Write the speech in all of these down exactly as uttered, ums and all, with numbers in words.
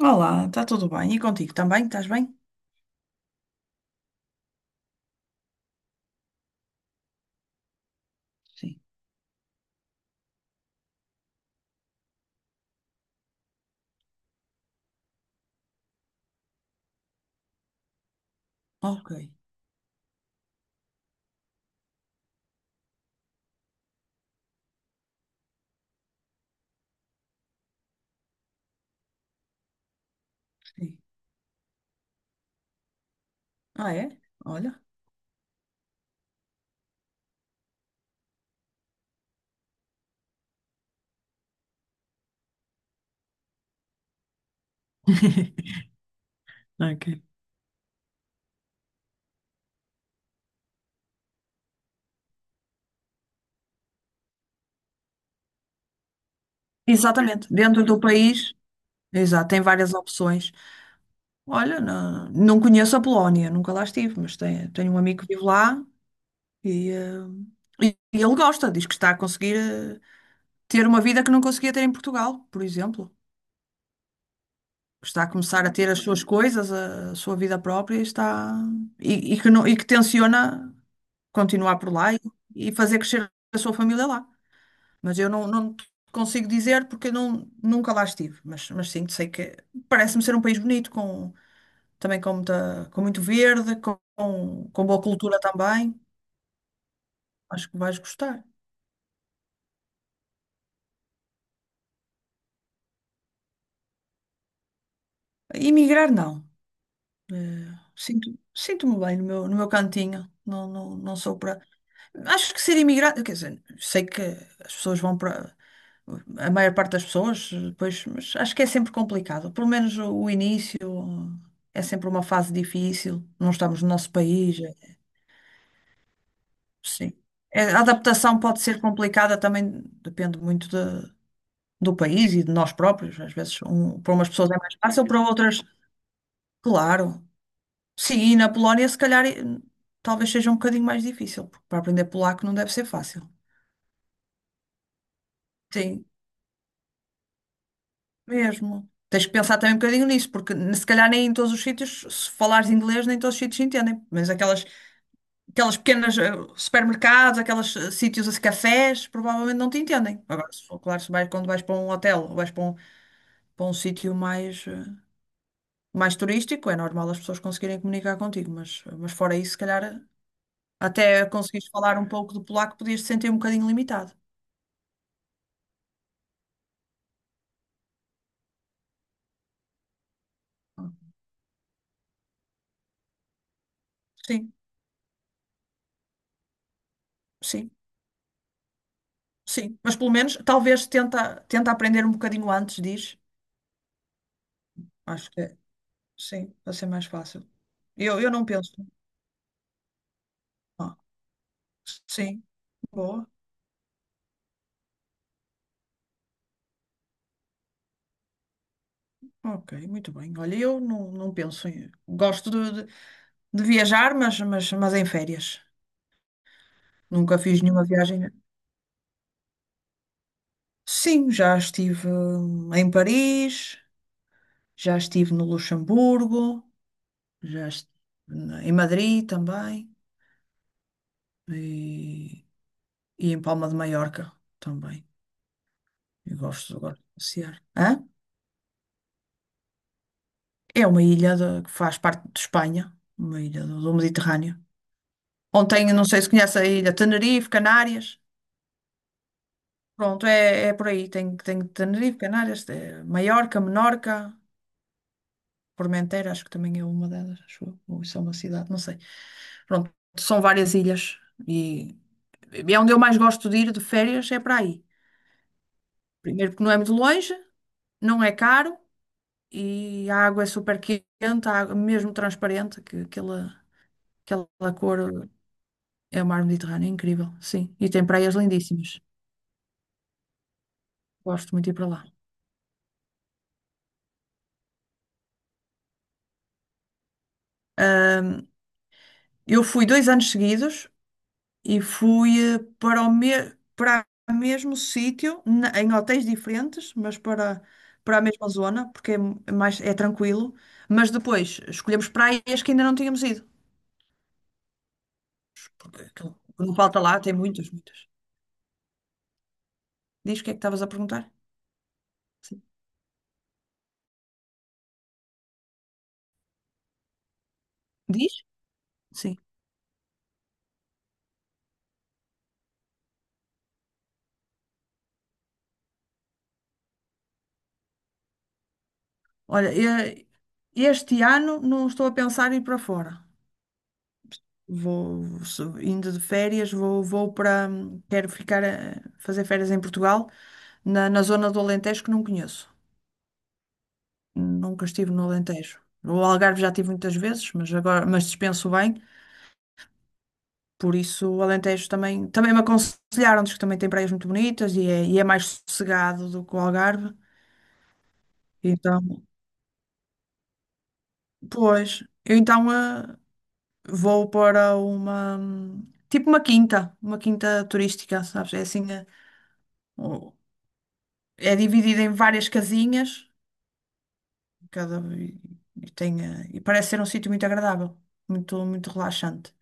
Olá, está tudo bem? E contigo também? Estás bem? Sim. Ok. Sim. Ah, é? Olha. Ok. Exatamente. Dentro do país, exato, tem várias opções. Olha, não, não conheço a Polónia, nunca lá estive, mas tenho, tenho um amigo que vive lá e, eh, e ele gosta. Diz que está a conseguir eh, ter uma vida que não conseguia ter em Portugal, por exemplo. Está a começar a ter as suas coisas, a, a sua vida própria e está e, e que não, e que tenciona continuar por lá e, e fazer crescer a sua família lá. Mas eu não, não te consigo dizer porque eu não, nunca lá estive. Mas, mas sim, sei que parece-me ser um país bonito, com, também com, muita, com muito verde, com, com boa cultura também. Acho que vais gostar. Emigrar, não. Eh, Sinto, sinto-me bem no meu, no meu cantinho. Não, não, não sou para. Acho que ser imigrante, quer dizer, sei que as pessoas vão para a maior parte das pessoas, pois, mas acho que é sempre complicado. Pelo menos o, o início eh, é sempre uma fase difícil. Não estamos no nosso país, é- sim. É, A adaptação pode ser complicada também, depende muito de- do país e de nós próprios. Às vezes, um- para umas pessoas é mais fácil, para outras, claro. Sim, e na Polónia, se calhar, eh, talvez seja um bocadinho mais difícil, porque para aprender polaco não deve ser fácil. Sim, mesmo. Tens que pensar também um bocadinho nisso, porque ne- se calhar nem em todos os sítios, se falares inglês, nem em todos os sítios entendem. Mas aquelas, aquelas pequenas eh, supermercados, aqueles eh, sítios, assim, cafés, provavelmente não te entendem. Agora, se for, claro, se vais, quando vais para um hotel ou vais para um, para um sítio mais, eh, mais turístico, é normal as pessoas conseguirem comunicar contigo, mas, mas fora isso, se calhar eh, até conseguires falar um pouco do polaco, podias te sentir um bocadinho limitado. Sim, sim, sim. Mas pelo menos, talvez tenta, tenta aprender um bocadinho antes, diz. Acho que. É Sim, vai ser mais fácil. Eu, eu não penso. Ah, sim, boa. Ok, muito bem. Olha, eu não, não penso em. Gosto de, de, de viajar, mas, mas, mas em férias. Nunca fiz nenhuma viagem. Sim, já estive hum, em Paris, já estive no Luxemburgo, já estive em Madrid também e, e em Palma de Maiorca também. Eu gosto, gosto de passear. Hã? É uma ilha de- que faz parte de Espanha, uma ilha do do Mediterrâneo. Ontem, não sei se conhece a ilha, Tenerife, Canárias. Pronto, é, é por aí. Tem, tem Tenerife, Canárias, eh, Maiorca, Menorca, Formentera, acho que também é uma delas, acho eu. Ou isso é uma cidade, não sei. Pronto, são várias ilhas. E e é onde eu mais gosto de ir de férias, é para aí. Primeiro porque não é muito longe, não é caro e a água é super quente, a água mesmo transparente, que aquela, aquela cor é o mar Mediterrâneo, é incrível, sim. E tem praias lindíssimas. Gosto muito de ir para lá. Eu fui dois anos seguidos e fui eh, para o me para o mesmo sítio, na- em hotéis diferentes, mas para, para a mesma zona, porque é m- é mais é tranquilo. Mas depois escolhemos praias que ainda não tínhamos ido, porque aquilo que não falta lá, tem muitas, muitas. Diz o que é que estavas a perguntar? Sim. Diz? Sim. Olha, eh, este ano não estou a pensar em ir para fora. Vou se- indo de férias, vou, vou para. Hum, Quero ficar a fazer férias em Portugal. Na, na zona do Alentejo que não conheço. Nunca estive no Alentejo. O Algarve já estive muitas vezes, mas agora, mas dispenso bem. Por isso, o Alentejo também, também me aconselharam, diz que também tem praias muito bonitas e é, e é mais sossegado do que o Algarve. Então, pois, eu então eh, vou para uma, tipo uma quinta, uma quinta turística, sabes? É assim, eh, o- é dividida em várias casinhas, cada, e, e tem, eh, e parece ser um sítio muito agradável, muito, muito relaxante.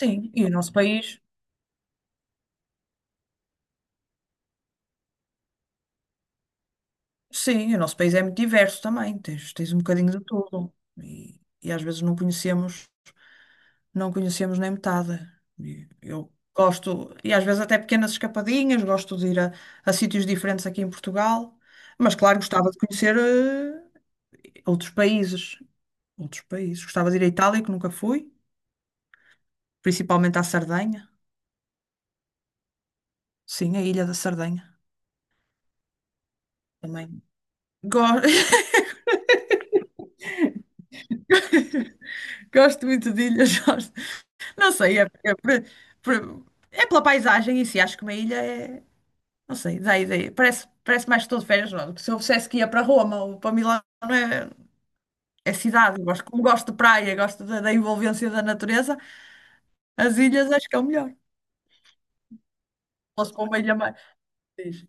Sim, e o nosso país, sim, o nosso país é muito diverso também, tens, tens um bocadinho de tudo. E, e às vezes não conhecemos, não conhecemos nem metade. E eu gosto, e às vezes até pequenas escapadinhas, gosto de ir a, a sítios diferentes aqui em Portugal, mas claro, gostava de conhecer eh, outros países, outros países. Gostava de ir à Itália, que nunca fui, principalmente à Sardenha. Sim, a Ilha da Sardenha também. Go- Gosto muito de ilhas. Não sei, é, é, por- por- é pela paisagem em si, acho que uma ilha é. Não sei, dá ideia. Parece, parece mais que estou de férias, não. Se eu dissesse que ia para Roma ou para Milão, é, é cidade. Eu gosto, como gosto de praia, gosto da, da envolvência da natureza, as ilhas acho que é o melhor. Se fosse para uma ilha mais. Diz.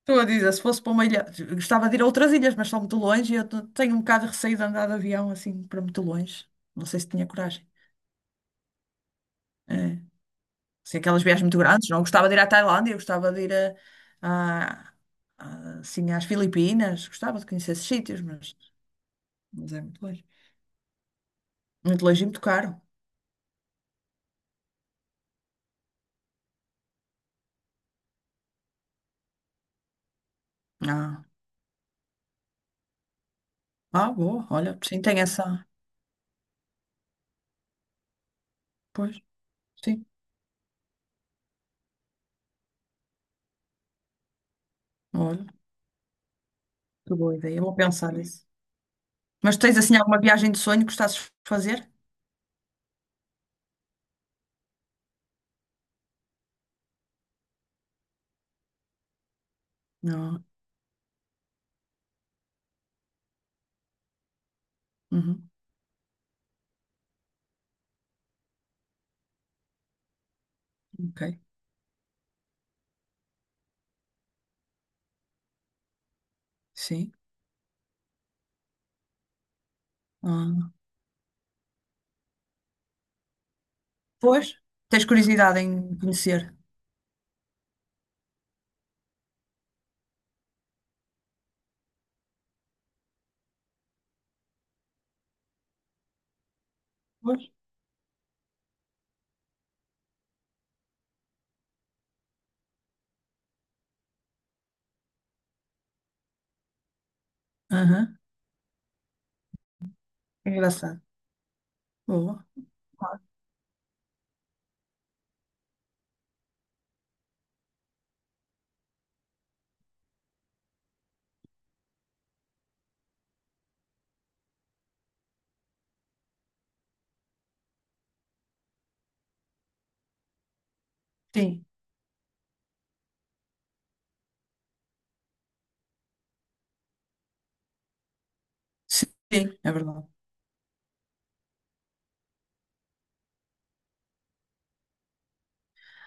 Estou a dizer, se fosse para uma ilha. Gostava de ir a outras ilhas, mas são muito longe e eu te- tenho um bocado de receio de andar de avião assim para muito longe. Não sei se tinha coragem. É. Assim, aquelas viagens muito grandes, não? Eu gostava de ir à Tailândia, eu gostava de ir a, a- a- assim, às Filipinas, gostava de conhecer esses sítios, mas, mas é muito longe. Muito longe e muito caro. Ah, ah, boa, olha, sim, tem essa. Pois, sim, olha, que boa ideia, eu vou pensar nisso. Mas tens assim alguma viagem de sonho que gostasses de fazer? Não, uhum, ok, sim. Ah, pois, tens curiosidade em conhecer? Pois, aham, é engraçado. Boa, sim, sim, é verdade.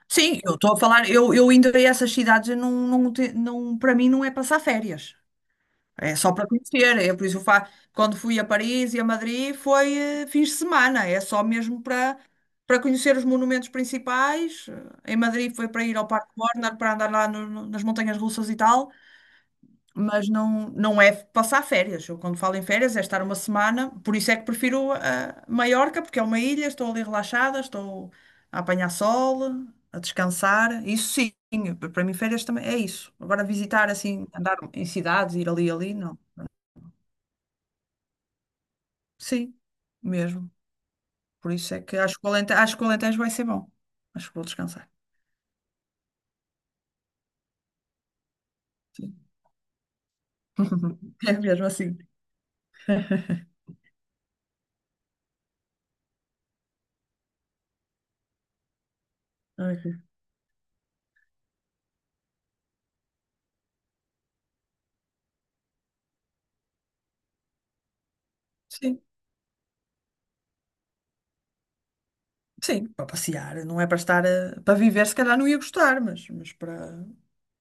Sim, eu estou a falar, eu, eu indo a essas cidades, eu não, não, te- não, para mim não é passar férias, é só para conhecer, é por isso eu fa... quando fui a Paris e a Madrid foi eh, fins de semana, é só mesmo para para conhecer os monumentos principais, eh, em Madrid foi para ir ao Parque Warner, para andar lá no- no- nas montanhas russas e tal, mas não, não é passar férias. Eu, quando falo em férias, é estar uma semana. Por isso é que prefiro a Maiorca, porque é uma ilha, estou ali relaxada, estou a apanhar sol, a descansar. Isso sim, para mim férias também é isso. Agora visitar assim, andar em cidades, ir ali e ali, não. Sim, mesmo. Por isso é que acho que o Alente- acho que o Alentejo vai ser bom. Acho que vou descansar. Sim. É mesmo assim. Ok. Sim. Sim, para passear, não é para estar a- para viver, se calhar não ia gostar, mas, mas para,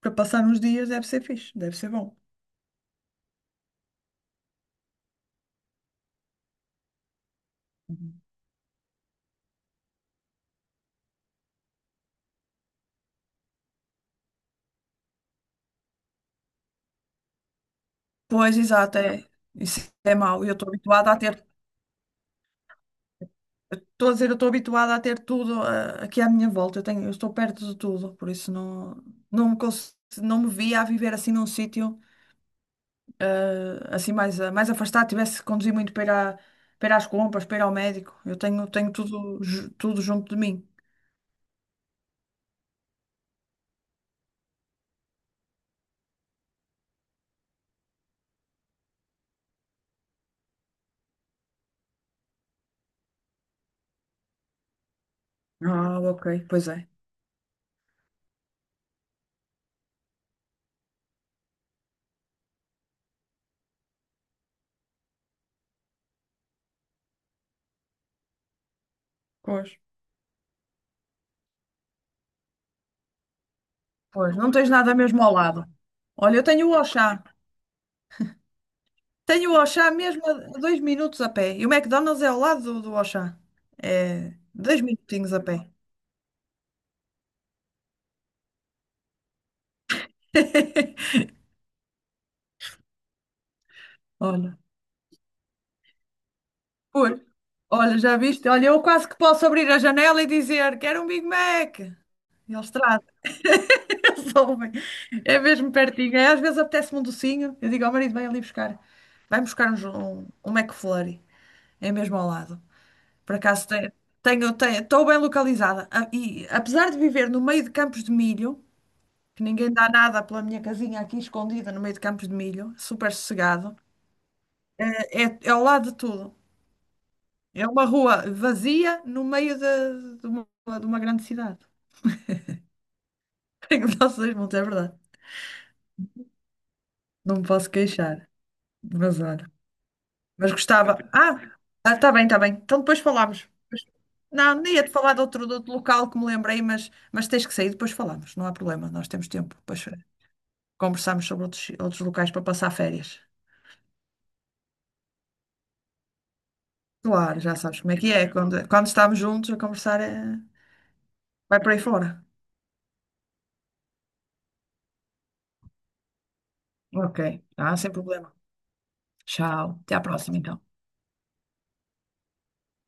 para passar uns dias deve ser fixe, deve ser bom. Uhum. Pois, exato, é, isso é mau. Eu estou habituada a ter, estou a dizer, eu estou habituada a ter tudo ah, aqui à minha volta. Eu tenho, eu estou perto de tudo, por isso não, não me, cons- não me via a viver assim num sítio ah, assim mais, a- mais afastado, tivesse que conduzir muito para ir, à- para ir às compras, para ir ao médico. Eu tenho, tenho tudo, ju- tudo junto de mim. Ah, ok, pois é. Pois. Pois, não tens nada mesmo ao lado. Olha, eu tenho o Auchan. Tenho o Auchan mesmo a a dois minutos a pé. E o McDonald's é ao lado do, do Auchan. É dois minutinhos a pé. Olha, pois. Olha, já viste? Olha, eu quase que posso abrir a janela e dizer quero um Big Mac. Eles trazem, eles ouvem. É mesmo pertinho. É, às vezes apetece-me um docinho. Eu digo ao marido, vai ali buscar. Vai buscar uns- um, um McFlurry. É mesmo ao lado. Por acaso te- tenho, tenho, estou bem localizada. A- E apesar de viver no meio de campos de milho, que ninguém dá nada pela minha casinha aqui escondida no meio de campos de milho, super sossegado, é, é ao lado de tudo. É uma rua vazia no meio de, de uma, de uma grande cidade. Tenho os nossos montes, é verdade. Não me posso queixar. Mas olha. Mas gostava. Ah, está bem, está bem. Então depois falamos. Não, nem ia-te falar de outro, de outro local que me lembrei, mas, mas tens que sair, depois falamos. Não há problema, nós temos tempo. Depois conversámos sobre outros, outros locais para passar férias. Claro, já sabes como é que é. Quando, quando estamos juntos a conversar, é... vai por aí fora. Ok. Ah, sem problema. Tchau. Até à próxima, então.